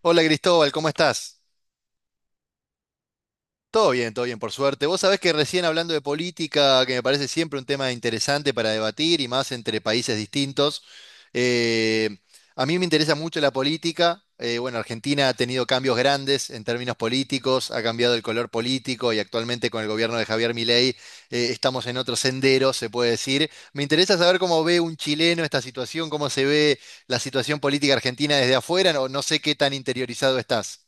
Hola Cristóbal, ¿cómo estás? Todo bien, por suerte. Vos sabés que recién hablando de política, que me parece siempre un tema interesante para debatir y más entre países distintos, eh, a mí me interesa mucho la política. Bueno, Argentina ha tenido cambios grandes en términos políticos, ha cambiado el color político y actualmente con el gobierno de Javier Milei estamos en otro sendero, se puede decir. Me interesa saber cómo ve un chileno esta situación, cómo se ve la situación política argentina desde afuera. No, no sé qué tan interiorizado estás.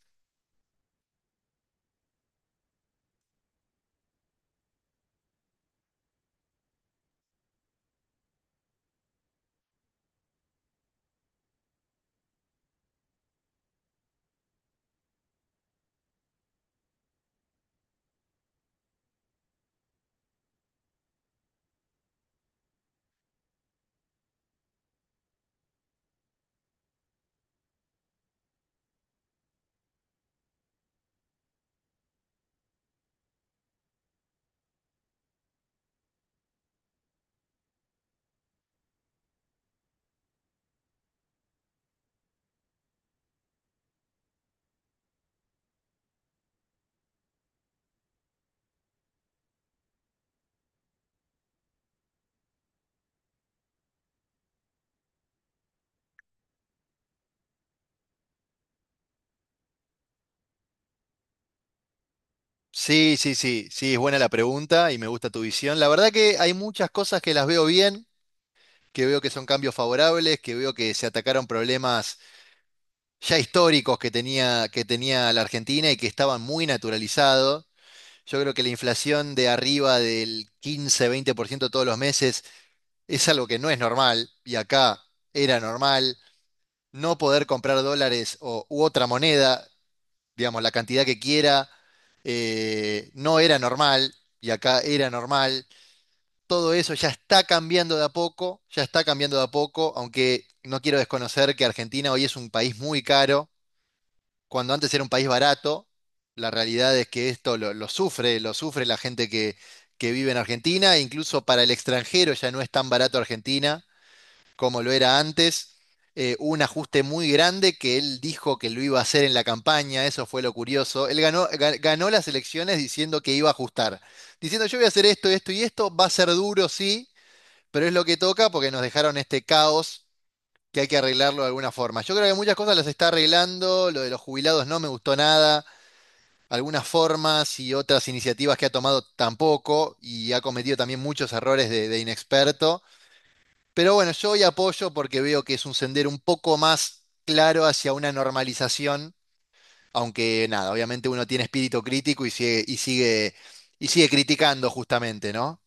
Sí, sí, sí, sí, es buena la pregunta y me gusta tu visión. La verdad que hay muchas cosas que las veo bien, que veo que son cambios favorables, que veo que se atacaron problemas ya históricos que tenía la Argentina y que estaban muy naturalizados. Yo creo que la inflación de arriba del 15, 20% todos los meses es algo que no es normal, y acá era normal. No poder comprar dólares o, u otra moneda, digamos, la cantidad que quiera, no era normal, y acá era normal. Todo eso ya está cambiando de a poco, ya está cambiando de a poco, aunque no quiero desconocer que Argentina hoy es un país muy caro, cuando antes era un país barato. La realidad es que esto lo sufre, lo sufre la gente que vive en Argentina, e incluso para el extranjero ya no es tan barato Argentina como lo era antes. Un ajuste muy grande que él dijo que lo iba a hacer en la campaña, eso fue lo curioso. Él ganó, ganó las elecciones diciendo que iba a ajustar, diciendo: yo voy a hacer esto, esto y esto, va a ser duro, sí, pero es lo que toca porque nos dejaron este caos que hay que arreglarlo de alguna forma. Yo creo que muchas cosas las está arreglando. Lo de los jubilados no me gustó nada. Algunas formas y otras iniciativas que ha tomado tampoco, y ha cometido también muchos errores de inexperto. Pero bueno, yo hoy apoyo porque veo que es un sendero un poco más claro hacia una normalización, aunque nada, obviamente uno tiene espíritu crítico y sigue, y sigue, y sigue criticando justamente, ¿no?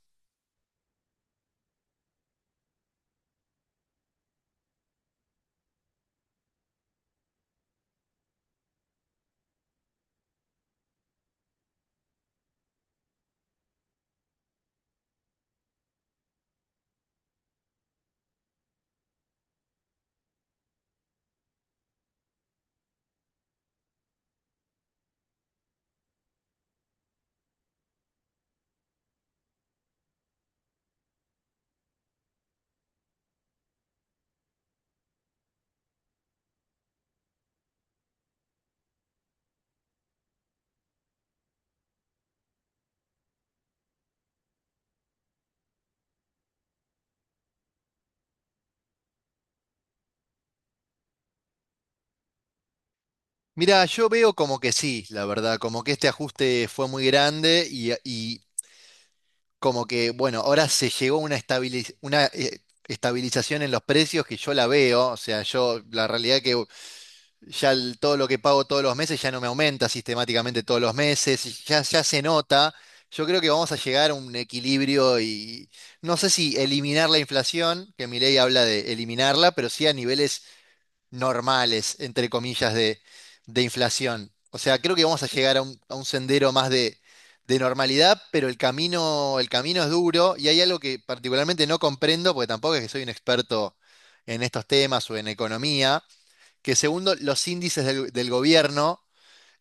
Mira, yo veo como que sí, la verdad, como que este ajuste fue muy grande, y como que, bueno, ahora se llegó a una estabilización en los precios, que yo la veo, o sea, yo la realidad que ya todo lo que pago todos los meses ya no me aumenta sistemáticamente todos los meses, y ya se nota. Yo creo que vamos a llegar a un equilibrio, y no sé si eliminar la inflación, que mi ley habla de eliminarla, pero sí a niveles normales, entre comillas, de inflación. O sea, creo que vamos a llegar a un sendero más de normalidad, pero el camino es duro. Y hay algo que particularmente no comprendo, porque tampoco es que soy un experto en estos temas o en economía, que segundo los índices del gobierno,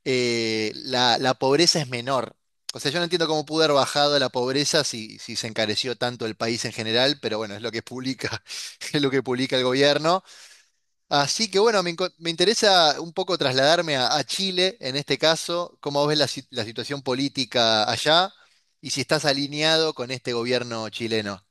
la, la pobreza es menor. O sea, yo no entiendo cómo pudo haber bajado la pobreza si, si se encareció tanto el país en general, pero bueno, es lo que publica, es lo que publica el gobierno. Así que bueno, me interesa un poco trasladarme a Chile en este caso, cómo ves la, si- la situación política allá, y si estás alineado con este gobierno chileno.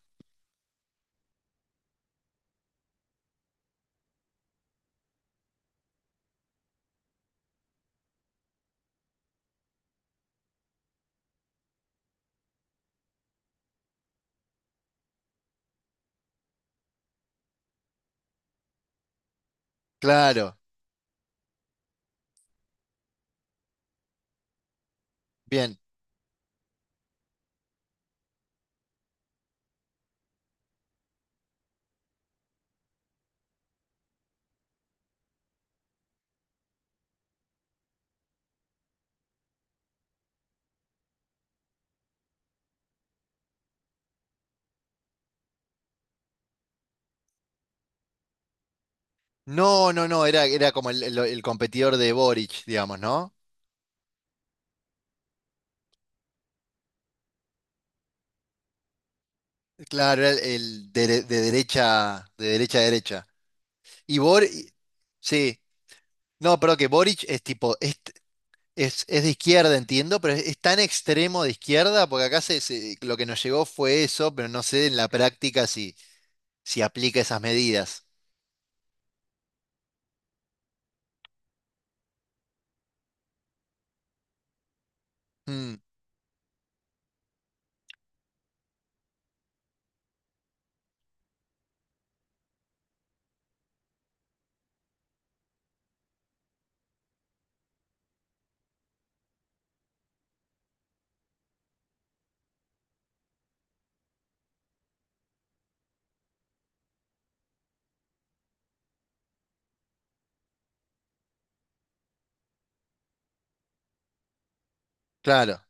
Claro, bien. No, no, no, era, era como el, el competidor de Boric, digamos, ¿no? Claro, era el de derecha, de derecha a derecha. Y Bor, sí, no, pero que Boric es tipo, es, es de izquierda, entiendo, pero es tan extremo de izquierda, porque acá lo que nos llegó fue eso, pero no sé en la práctica si, si aplica esas medidas. Mm, claro,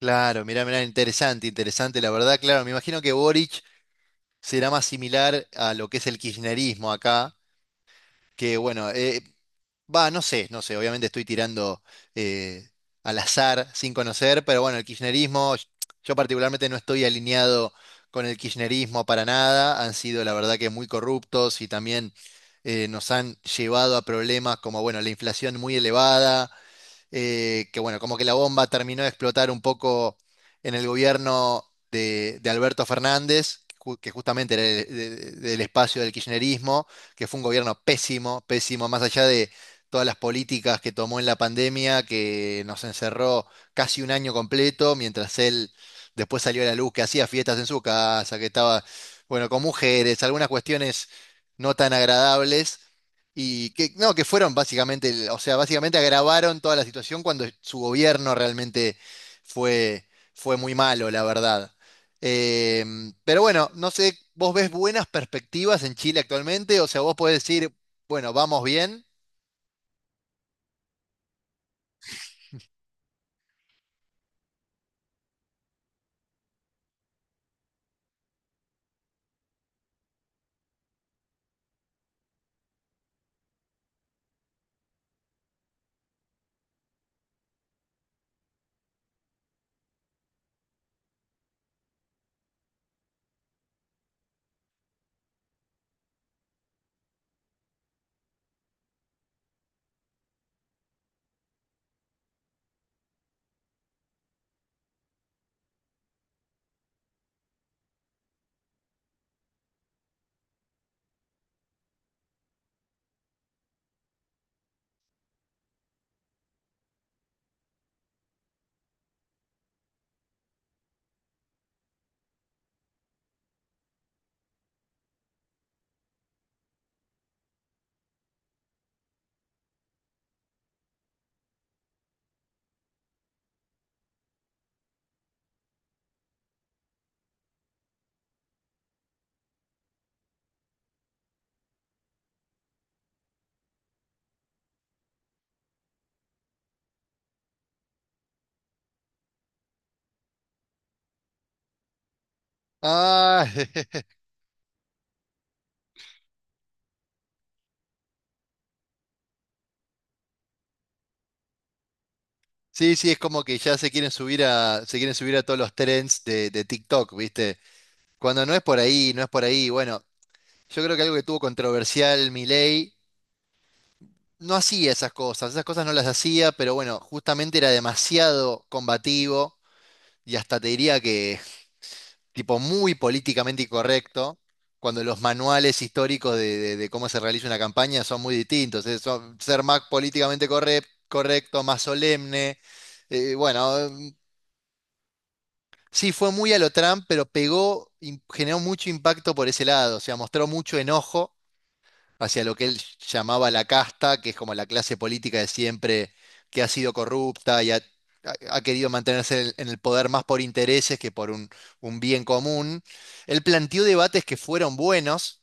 claro, mirá, mirá, interesante, interesante, la verdad, claro. Me imagino que Boric será más similar a lo que es el kirchnerismo acá, que bueno, va, no sé, no sé, obviamente estoy tirando eh, al azar sin conocer, pero bueno, el kirchnerismo, yo particularmente no estoy alineado con el kirchnerismo para nada, han sido la verdad que muy corruptos, y también nos han llevado a problemas como, bueno, la inflación muy elevada. Que bueno, como que la bomba terminó de explotar un poco en el gobierno de Alberto Fernández, que justamente era del espacio del kirchnerismo, que fue un gobierno pésimo, pésimo, más allá de todas las políticas que tomó en la pandemia, que nos encerró casi un año completo, mientras él después salió a la luz, que hacía fiestas en su casa, que estaba, bueno, con mujeres, algunas cuestiones no tan agradables. Y que, no, que fueron básicamente, o sea, básicamente agravaron toda la situación cuando su gobierno realmente fue, fue muy malo, la verdad. Pero bueno, no sé, ¿vos ves buenas perspectivas en Chile actualmente? O sea, vos podés decir, bueno, vamos bien. Ah, sí, sí, es como que ya se quieren subir a todos los trends de TikTok, ¿viste? Cuando no es por ahí, no es por ahí. Bueno, yo creo que algo que tuvo controversial Milei, no hacía esas cosas no las hacía, pero bueno, justamente era demasiado combativo, y hasta te diría que tipo muy políticamente incorrecto, cuando los manuales históricos de cómo se realiza una campaña son muy distintos, ser más políticamente correcto, más solemne, bueno, sí, fue muy a lo Trump, pero pegó, generó mucho impacto por ese lado. O sea, mostró mucho enojo hacia lo que él llamaba la casta, que es como la clase política de siempre, que ha sido corrupta y ha, ha querido mantenerse en el poder más por intereses que por un bien común. Él planteó debates que fueron buenos.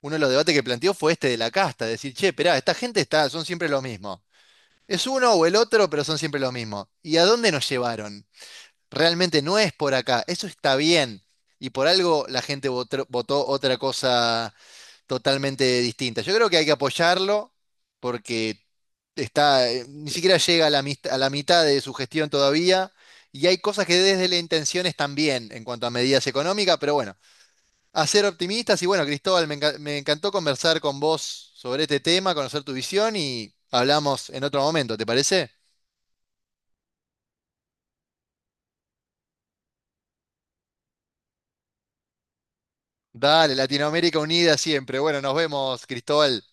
Uno de los debates que planteó fue este de la casta, decir: che, esperá, esta gente está, son siempre lo mismo. Es uno o el otro, pero son siempre lo mismo. ¿Y a dónde nos llevaron? Realmente no es por acá, eso está bien. Y por algo la gente votó otra cosa totalmente distinta. Yo creo que hay que apoyarlo porque está, ni siquiera llega a la mitad de su gestión todavía, y hay cosas que desde la intención están bien en cuanto a medidas económicas, pero bueno, a ser optimistas. Y bueno, Cristóbal, me encantó conversar con vos sobre este tema, conocer tu visión, y hablamos en otro momento, ¿te parece? Dale, Latinoamérica unida siempre. Bueno, nos vemos, Cristóbal.